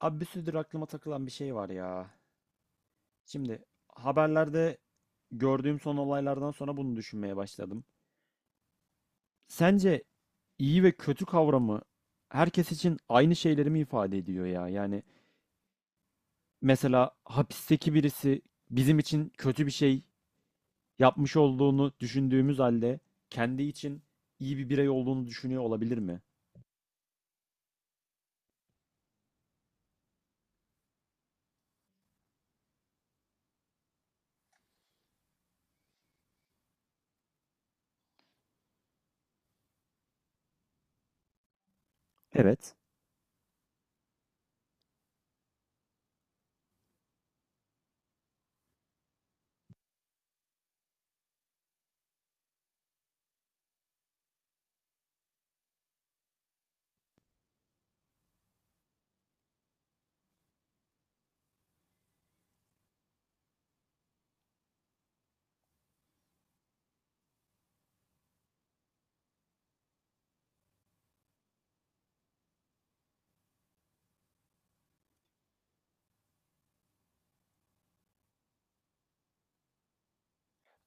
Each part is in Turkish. Abi bir süredir aklıma takılan bir şey var ya. Şimdi haberlerde gördüğüm son olaylardan sonra bunu düşünmeye başladım. Sence iyi ve kötü kavramı herkes için aynı şeyleri mi ifade ediyor ya? Yani mesela hapisteki birisi bizim için kötü bir şey yapmış olduğunu düşündüğümüz halde kendi için iyi bir birey olduğunu düşünüyor olabilir mi? Evet.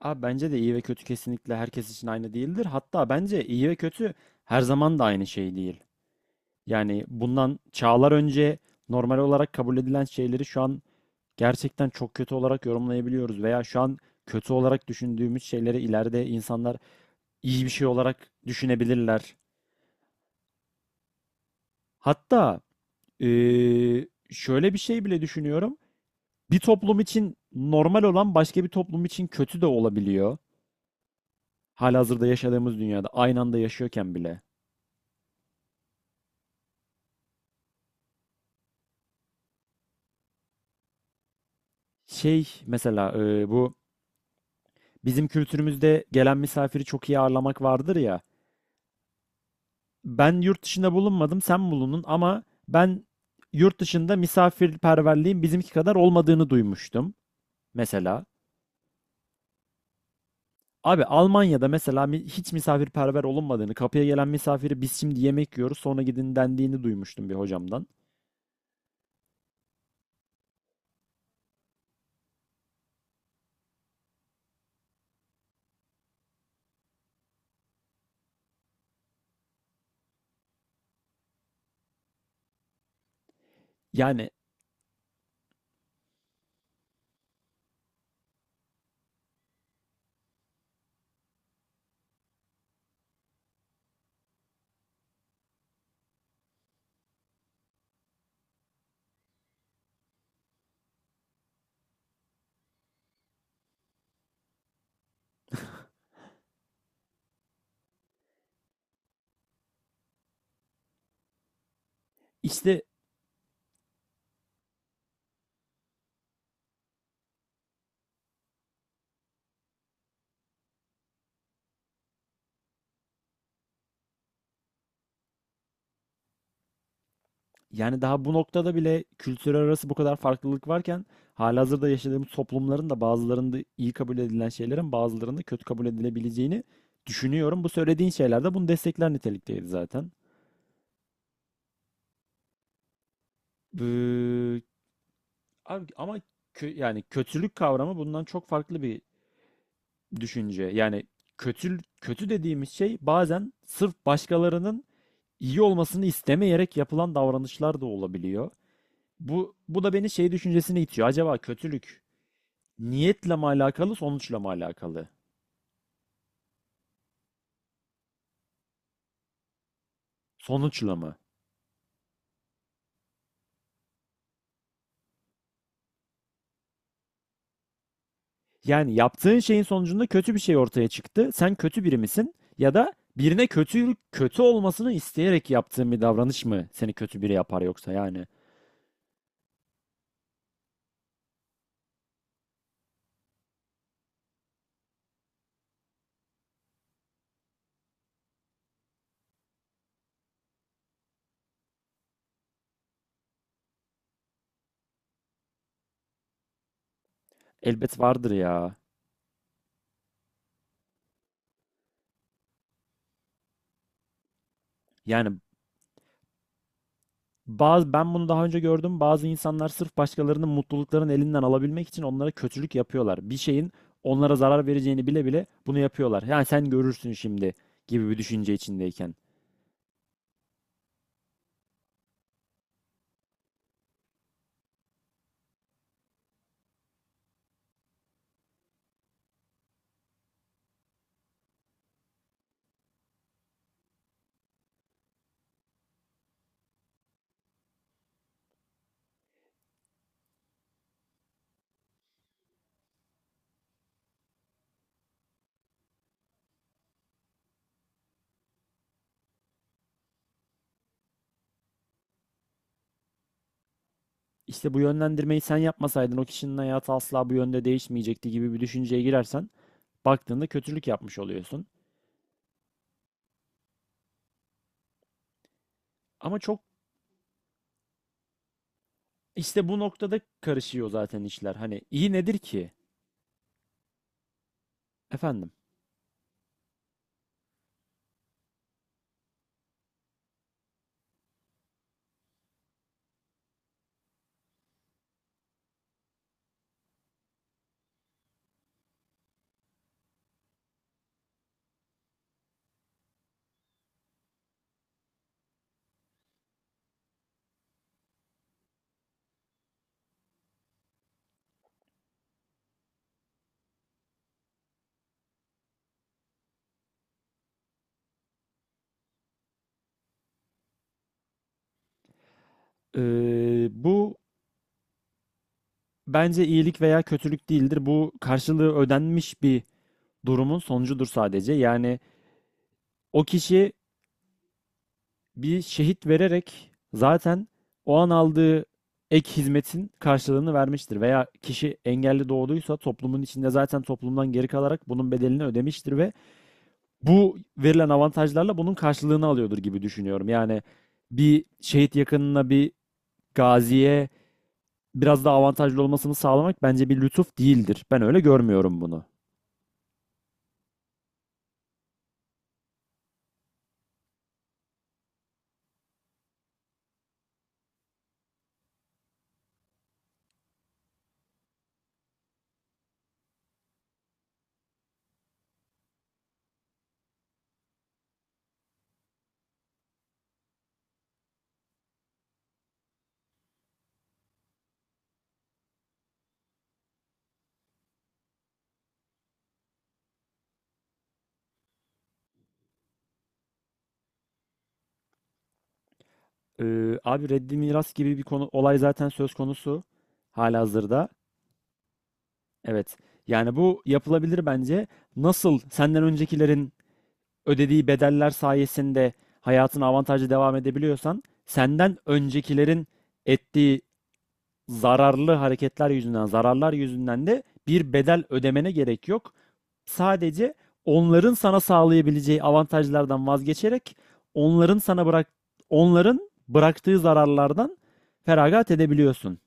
Abi bence de iyi ve kötü kesinlikle herkes için aynı değildir. Hatta bence iyi ve kötü her zaman da aynı şey değil. Yani bundan çağlar önce normal olarak kabul edilen şeyleri şu an gerçekten çok kötü olarak yorumlayabiliyoruz veya şu an kötü olarak düşündüğümüz şeyleri ileride insanlar iyi bir şey olarak düşünebilirler. Hatta şöyle bir şey bile düşünüyorum. Bir toplum için normal olan başka bir toplum için kötü de olabiliyor. Halihazırda yaşadığımız dünyada aynı anda yaşıyorken bile. Şey mesela bu bizim kültürümüzde gelen misafiri çok iyi ağırlamak vardır ya. Ben yurt dışında bulunmadım, sen bulundun ama ben yurt dışında misafirperverliğin bizimki kadar olmadığını duymuştum mesela. Abi Almanya'da mesela hiç misafirperver olunmadığını, kapıya gelen misafiri biz şimdi yemek yiyoruz sonra gidin dendiğini duymuştum bir hocamdan. Yani işte. Yani daha bu noktada bile kültürel arası bu kadar farklılık varken halihazırda yaşadığımız toplumların da bazılarında iyi kabul edilen şeylerin bazılarında kötü kabul edilebileceğini düşünüyorum. Bu söylediğin şeyler de bunu destekler nitelikteydi zaten. Ee, Abi ama yani kötülük kavramı bundan çok farklı bir düşünce. Yani kötü kötü dediğimiz şey bazen sırf başkalarının iyi olmasını istemeyerek yapılan davranışlar da olabiliyor. Bu da beni şey düşüncesine itiyor. Acaba kötülük niyetle mi alakalı, sonuçla mı alakalı? Sonuçla mı? Yani yaptığın şeyin sonucunda kötü bir şey ortaya çıktı. Sen kötü biri misin? Ya da birine kötü kötü olmasını isteyerek yaptığın bir davranış mı seni kötü biri yapar yoksa yani? Elbet vardır ya. Yani bazı ben bunu daha önce gördüm. Bazı insanlar sırf başkalarının mutluluklarını elinden alabilmek için onlara kötülük yapıyorlar. Bir şeyin onlara zarar vereceğini bile bile bunu yapıyorlar. Yani sen görürsün şimdi gibi bir düşünce içindeyken. İşte bu yönlendirmeyi sen yapmasaydın o kişinin hayatı asla bu yönde değişmeyecekti gibi bir düşünceye girersen baktığında kötülük yapmış oluyorsun. Ama çok işte bu noktada karışıyor zaten işler. Hani iyi nedir ki? Efendim. Bu bence iyilik veya kötülük değildir. Bu karşılığı ödenmiş bir durumun sonucudur sadece. Yani o kişi bir şehit vererek zaten o an aldığı ek hizmetin karşılığını vermiştir. Veya kişi engelli doğduysa toplumun içinde zaten toplumdan geri kalarak bunun bedelini ödemiştir ve bu verilen avantajlarla bunun karşılığını alıyordur gibi düşünüyorum. Yani bir şehit yakınına, bir gaziye biraz daha avantajlı olmasını sağlamak bence bir lütuf değildir. Ben öyle görmüyorum bunu. Abi reddi miras gibi bir konu olay zaten söz konusu halihazırda. Evet. Yani bu yapılabilir bence. Nasıl senden öncekilerin ödediği bedeller sayesinde hayatına avantajlı devam edebiliyorsan, senden öncekilerin ettiği zararlı hareketler yüzünden, zararlar yüzünden de bir bedel ödemene gerek yok. Sadece onların sana sağlayabileceği avantajlardan vazgeçerek onların sana bırak onların bıraktığı zararlardan feragat edebiliyorsun.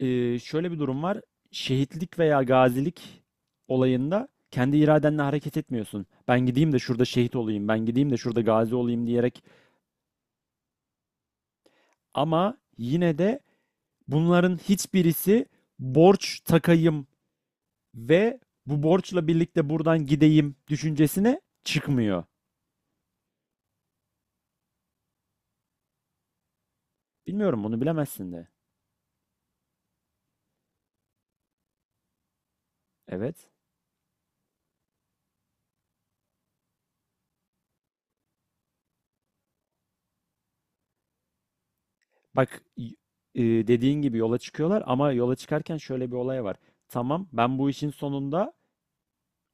Şöyle bir durum var. Şehitlik veya gazilik olayında kendi iradenle hareket etmiyorsun. Ben gideyim de şurada şehit olayım, ben gideyim de şurada gazi olayım diyerek. Ama yine de bunların hiçbirisi borç takayım ve bu borçla birlikte buradan gideyim düşüncesine çıkmıyor. Bilmiyorum, bunu bilemezsin de. Evet. Bak y- e, Dediğin gibi yola çıkıyorlar ama yola çıkarken şöyle bir olay var. Tamam, ben bu işin sonunda...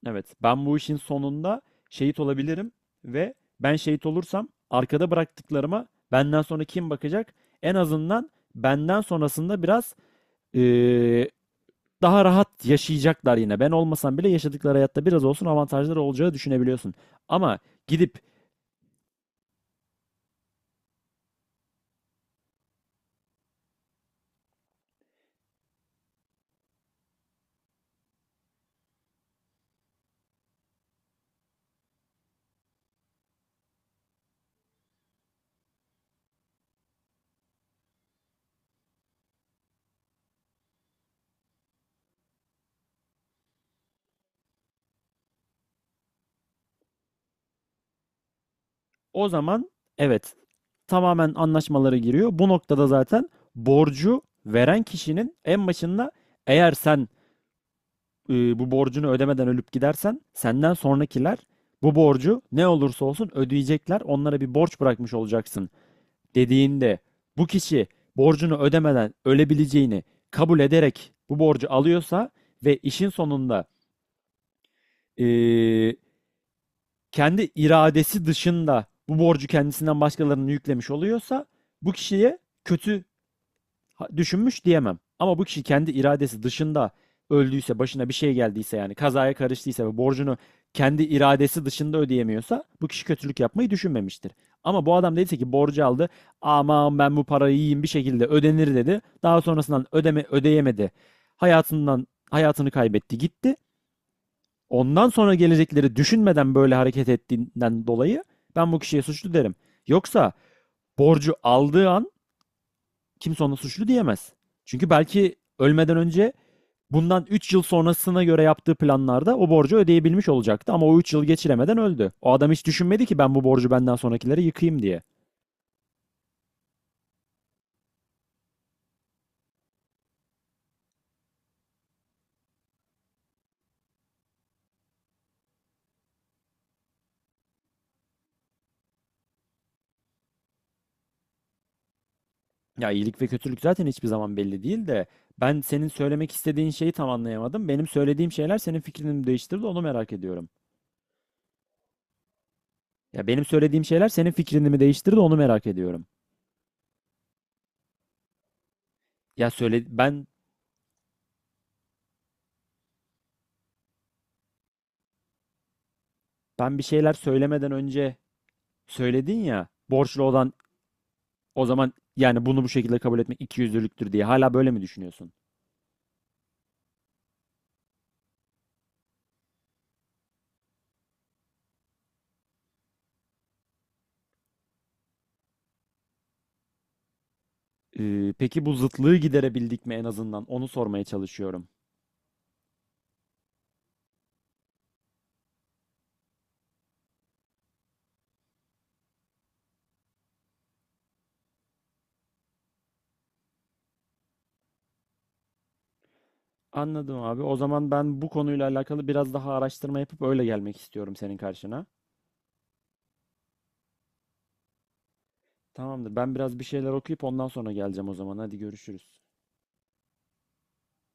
Evet, ben bu işin sonunda şehit olabilirim ve ben şehit olursam arkada bıraktıklarıma benden sonra kim bakacak? En azından benden sonrasında biraz eee, daha rahat yaşayacaklar yine. Ben olmasam bile yaşadıkları hayatta biraz olsun avantajları olacağı düşünebiliyorsun. Ama gidip o zaman, evet, tamamen anlaşmalara giriyor. Bu noktada zaten borcu veren kişinin en başında eğer sen bu borcunu ödemeden ölüp gidersen senden sonrakiler bu borcu ne olursa olsun ödeyecekler. Onlara bir borç bırakmış olacaksın dediğinde bu kişi borcunu ödemeden ölebileceğini kabul ederek bu borcu alıyorsa ve işin sonunda e, kendi iradesi dışında bu borcu kendisinden başkalarını yüklemiş oluyorsa bu kişiye kötü düşünmüş diyemem. Ama bu kişi kendi iradesi dışında öldüyse, başına bir şey geldiyse, yani kazaya karıştıysa ve borcunu kendi iradesi dışında ödeyemiyorsa bu kişi kötülük yapmayı düşünmemiştir. Ama bu adam dediyse ki borcu aldı. Aman ben bu parayı yiyeyim bir şekilde ödenir dedi. Daha sonrasından ödeyemedi. Hayatını kaybetti, gitti. Ondan sonra gelecekleri düşünmeden böyle hareket ettiğinden dolayı ben bu kişiye suçlu derim. Yoksa borcu aldığı an kimse ona suçlu diyemez. Çünkü belki ölmeden önce bundan 3 yıl sonrasına göre yaptığı planlarda o borcu ödeyebilmiş olacaktı ama o 3 yıl geçiremeden öldü. O adam hiç düşünmedi ki ben bu borcu benden sonrakilere yıkayım diye. Ya iyilik ve kötülük zaten hiçbir zaman belli değil de ben senin söylemek istediğin şeyi tam anlayamadım. Benim söylediğim şeyler senin fikrini mi değiştirdi, onu merak ediyorum. Ya benim söylediğim şeyler senin fikrini mi değiştirdi, onu merak ediyorum. Ya söyle ben Ben bir şeyler söylemeden önce söyledin ya borçlu olan... O zaman yani bunu bu şekilde kabul etmek ikiyüzlülüktür diye hala böyle mi düşünüyorsun? Peki bu zıtlığı giderebildik mi en azından? Onu sormaya çalışıyorum. Anladım abi. O zaman ben bu konuyla alakalı biraz daha araştırma yapıp öyle gelmek istiyorum senin karşına. Tamamdır. Ben biraz bir şeyler okuyup ondan sonra geleceğim o zaman. Hadi görüşürüz.